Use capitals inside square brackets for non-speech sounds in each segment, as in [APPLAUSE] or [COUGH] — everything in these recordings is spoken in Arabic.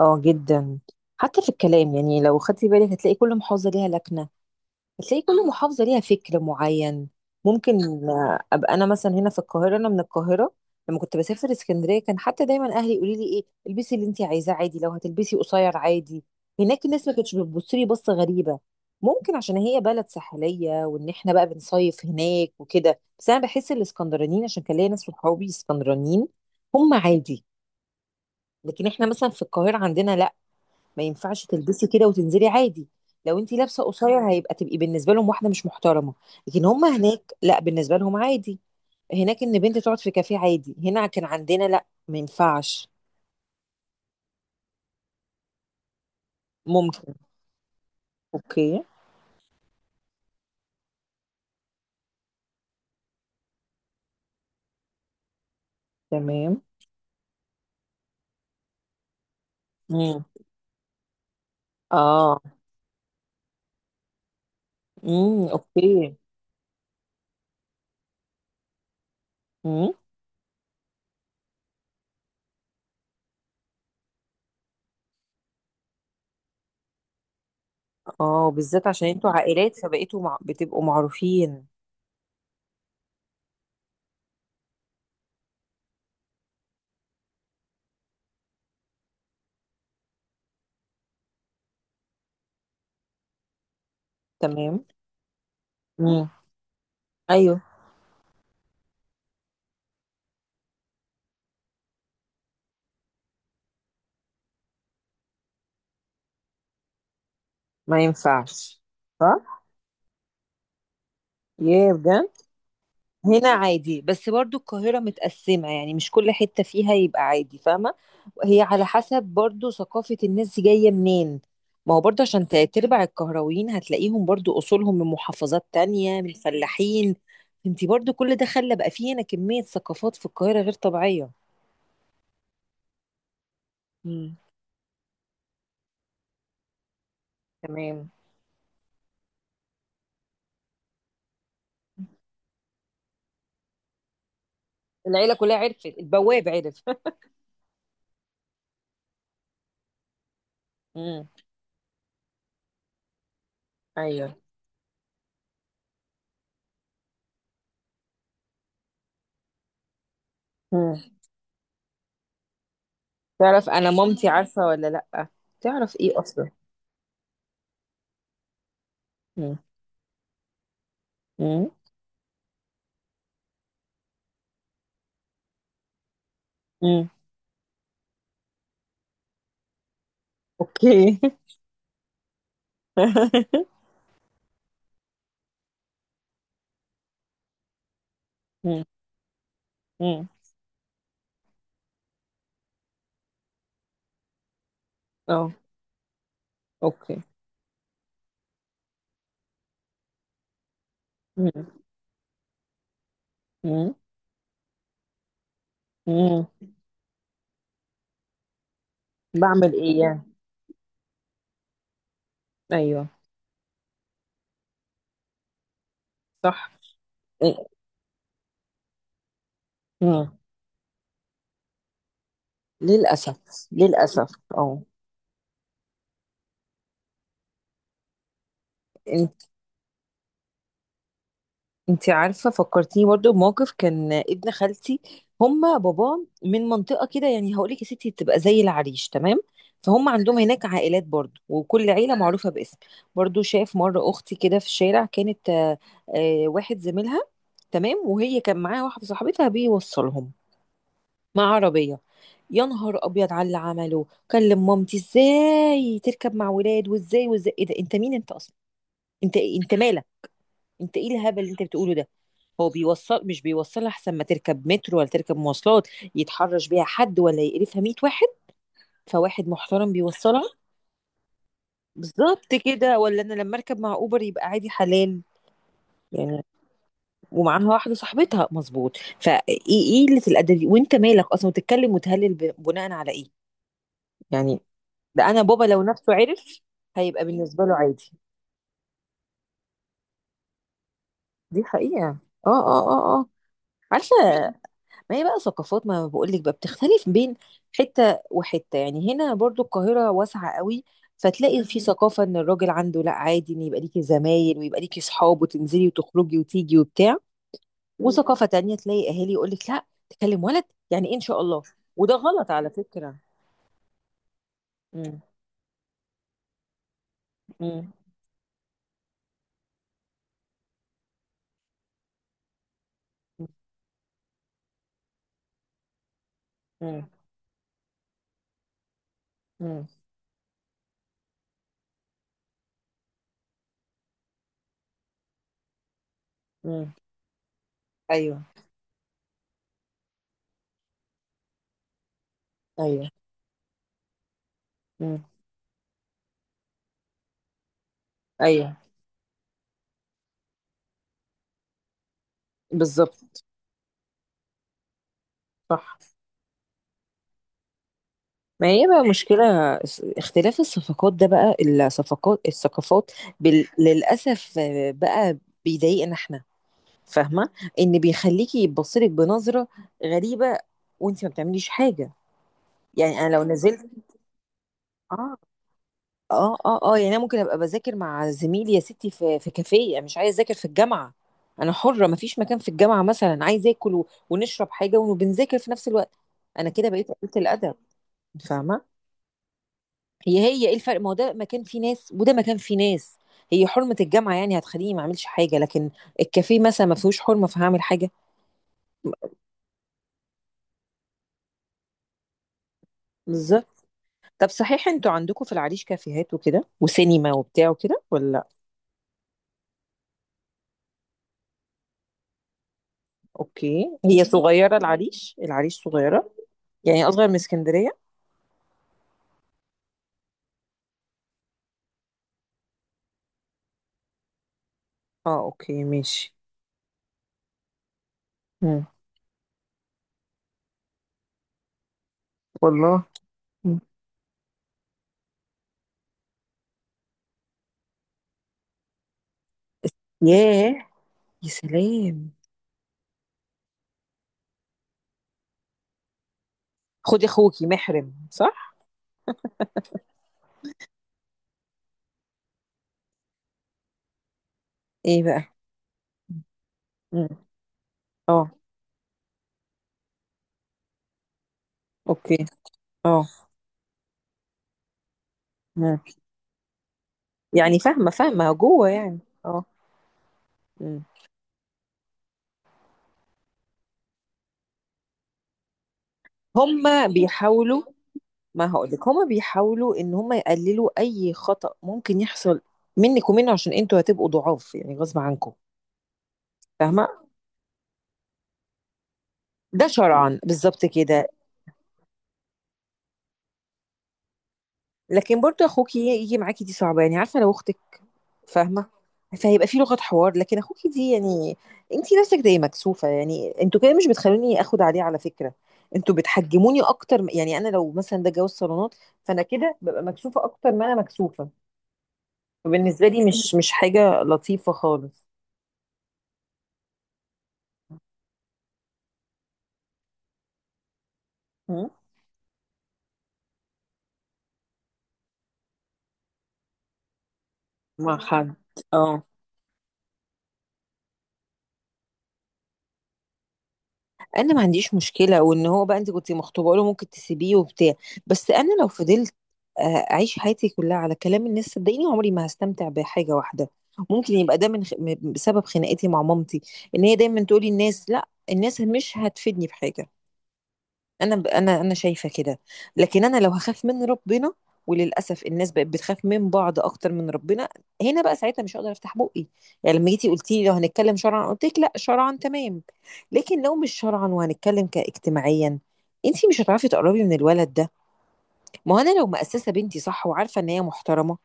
اه جدا. حتى في الكلام يعني لو خدتي بالك هتلاقي كل محافظة ليها لكنة. هتلاقي كل محافظة ليها فكر معين ممكن. ابقى انا مثلا هنا في القاهرة، انا من القاهرة. لما كنت بسافر اسكندرية كان حتى دايما اهلي يقولوا لي ايه، البسي اللي انت عايزاه عادي، لو هتلبسي قصير عادي. هناك الناس ما كانتش بتبص لي بصة غريبة. ممكن عشان هي بلد ساحلية، وان احنا بقى بنصيف هناك وكده، بس انا بحس الاسكندرانيين، عشان كان ليا ناس صحابي اسكندرانيين، هم عادي. لكن احنا مثلا في القاهرة عندنا لا، ما ينفعش تلبسي كده وتنزلي عادي. لو انت لابسه قصير هيبقى تبقي بالنسبه لهم واحده مش محترمه. لكن هم هناك لا، بالنسبه لهم عادي. هناك ان بنت تقعد في كافيه عادي، هنا كان عندنا لا، ما ينفعش. ممكن. اوكي. تمام. امم. اه. امم. اوكي. امم. اه بالذات عشان انتوا عائلات فبقيتوا بتبقوا معروفين. تمام. امم. ايوه. ما ينفعش. صح. ياه بجد. هنا عادي، بس برضو القاهرة متقسمة يعني، مش كل حتة فيها يبقى عادي، فاهمة؟ هي على حسب برضو ثقافة الناس دي جاية منين. ما هو برضو عشان تربع القهراويين هتلاقيهم برضو أصولهم من محافظات تانية، من فلاحين. انتي برضو كل ده خلى بقى فيه هنا كمية ثقافات في القاهرة غير طبيعية. امم. تمام. العيلة كلها عرفت، البواب عرف. [LAUGHS] امم. ايوه. امم. تعرف انا مامتي عارفة ولا لأ، تعرف ايه اصلا. امم. امم. امم. اوكي. [LAUGHS] [LAUGHS] مم. مم. اه. اوكي. مم. مم. مم. بعمل ايه يعني. ايوه. صح. إيه. مم. للاسف. للاسف اه. انت. انت عارفه، فكرتيني برضو بموقف كان ابن خالتي. هما بابا من منطقه كده يعني، هقول لك يا ستي تبقى زي العريش تمام. فهم عندهم هناك عائلات برضو، وكل عيله معروفه باسم. برضو شاف مره اختي كده في الشارع، كانت واحد زميلها، تمام، وهي كان معاها واحده صاحبتها بيوصلهم مع عربية. يا نهار ابيض على اللي عمله! كلم مامتي، ازاي تركب مع ولاد، وازاي وازاي، ايه ده، انت مين انت اصلا، انت إيه؟ انت مالك، انت ايه الهبل اللي انت بتقوله ده. هو بيوصل مش بيوصل، احسن ما تركب مترو ولا تركب مواصلات يتحرش بيها حد ولا يقرفها 100 واحد، فواحد محترم بيوصلها. بالظبط كده، ولا انا لما اركب مع اوبر يبقى عادي حلال يعني. ومعاها واحده صاحبتها، مظبوط، فايه؟ ايه قله الادب دي؟ وانت مالك اصلا، وتتكلم وتهلل بناء على ايه يعني. ده انا بابا لو نفسه عرف هيبقى بالنسبه له عادي. دي حقيقه. اه اه اه اه. عارفه، ما هي بقى ثقافات، ما بقول لك بقى بتختلف بين حته وحته يعني. هنا برضو القاهره واسعه قوي، فتلاقي في ثقافه ان الراجل عنده لا عادي، ان يبقى ليكي زمايل ويبقى ليكي صحاب، وتنزلي وتخرجي وتيجي وبتاع. وثقافه تانية تلاقي اهالي يقول لك لا تكلم ولد، يعني ايه ان شاء الله، وده غلط على فكره. امم. امم. امم. امم. ايوه. ايوه. امم. ايوه. بالظبط. صح. ما هي بقى مشكلة اختلاف الصفقات ده بقى، الصفقات، الثقافات. للأسف بقى بيضايقنا احنا، فاهمة؟ ان بيخليكي يبصلك بنظرة غريبة وانت ما بتعمليش حاجة. يعني انا لو نزلت. اه. اه اه اه. يعني انا ممكن ابقى بذاكر مع زميلي يا ستي في كافيه، أنا مش عايزة اذاكر في الجامعة، انا حرة، ما فيش مكان في الجامعة، مثلا عايزة اكل ونشرب حاجة وبنذاكر في نفس الوقت، انا كده بقيت قلة الادب، فاهمة؟ هي هي، ايه الفرق؟ ما هو ده مكان فيه ناس وده مكان فيه ناس. هي حرمة الجامعة يعني هتخليني ما اعملش حاجة، لكن الكافيه مثلا ما فيهوش حرمة فهعمل حاجة. بالظبط. طب صحيح انتوا عندكم في العريش كافيهات وكده وسينما وبتاع وكده ولا لأ؟ اوكي، هي صغيرة العريش، العريش صغيرة يعني، اصغر من اسكندرية. اه اوكي ماشي. مم. والله. مم. ياه. يا سلام. خدي اخوكي محرم، صح. ايه بقى. مم. اه. اوكي. اه. مم. يعني فاهمة، فاهمة، جوه يعني. اه. مم. هما بيحاولوا. ما هقولك، هما بيحاولوا ان هما يقللوا اي خطأ ممكن يحصل منك ومنه، عشان انتوا هتبقوا ضعاف يعني غصب عنكم، فاهمة؟ ده شرعا بالظبط كده. لكن برضو اخوكي يجي معاكي دي صعبة يعني، عارفة؟ لو اختك، فاهمه، فهيبقى في لغه حوار، لكن اخوكي دي يعني، انتي نفسك زي مكسوفه يعني. انتوا كده مش بتخلوني اخد عليه على فكره، انتوا بتحجموني اكتر يعني انا لو مثلا ده جواز صالونات، فانا كده ببقى مكسوفه اكتر ما انا مكسوفه. فبالنسبه لي مش حاجه لطيفه خالص. م؟ مع حد. اه. انا ما عنديش مشكله، وان هو بقى انت كنت مخطوبه له ممكن تسيبيه وبتاع. بس انا لو فضلت آه، اعيش حياتي كلها على كلام الناس صدقيني عمري ما هستمتع بحاجه واحده. ممكن يبقى ده من بسبب خناقتي مع مامتي، ان هي دايما تقولي الناس. لا، الناس مش هتفيدني بحاجه. انا شايفه كده. لكن انا لو هخاف من ربنا، وللاسف الناس بقت بتخاف من بعض اكتر من ربنا، هنا بقى ساعتها مش هقدر افتح بقي. يعني لما جيتي قلتي لي لو هنتكلم شرعا، قلت لك لا شرعا تمام، لكن لو مش شرعا وهنتكلم كاجتماعيا، انتي مش هتعرفي تقربي من الولد ده. ما هو انا لو مأسسه بنتي صح، وعارفه ان هي محترمه،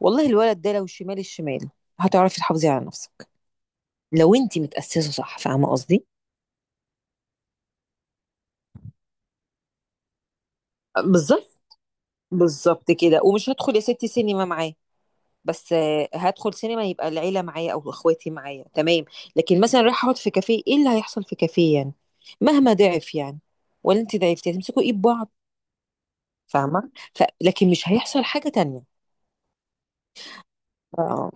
والله الولد ده لو شمال الشمال هتعرفي تحافظي على نفسك، لو انتي متأسسه صح، فاهمه قصدي؟ بالظبط. بالظبط كده. ومش هدخل يا ستي سينما معاه، بس هدخل سينما يبقى العيلة معايا أو إخواتي معايا، تمام. لكن مثلا رايح أقعد في كافيه، إيه اللي هيحصل في كافيه يعني؟ مهما ضعف يعني، ولا أنت ضعفتي، هتمسكوا إيد بعض، فاهمة؟ لكن مش هيحصل حاجة تانية. اه.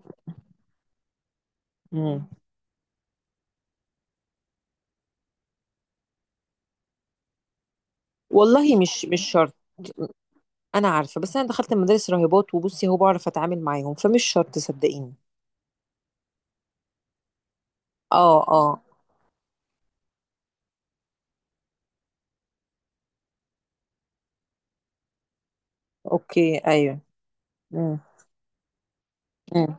مم. والله مش شرط. أنا عارفة، بس أنا دخلت مدارس راهبات، وبصي هو بعرف أتعامل معاهم، فمش شرط صدقيني. اه. اه. اوكي. ايوه. مم. مم.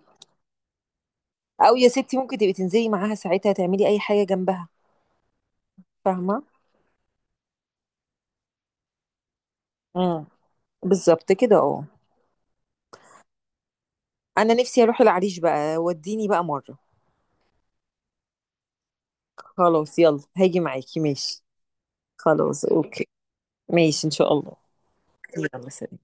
او يا ستي ممكن تبقي تنزلي معاها ساعتها تعملي اي حاجه جنبها. فاهمه. مم. بالظبط كده اه. انا نفسي اروح العريش بقى وديني بقى مرة. خلاص يلا، هاجي معاكي، ماشي. خلاص اوكي. ماشي ان شاء الله. يلا سلام.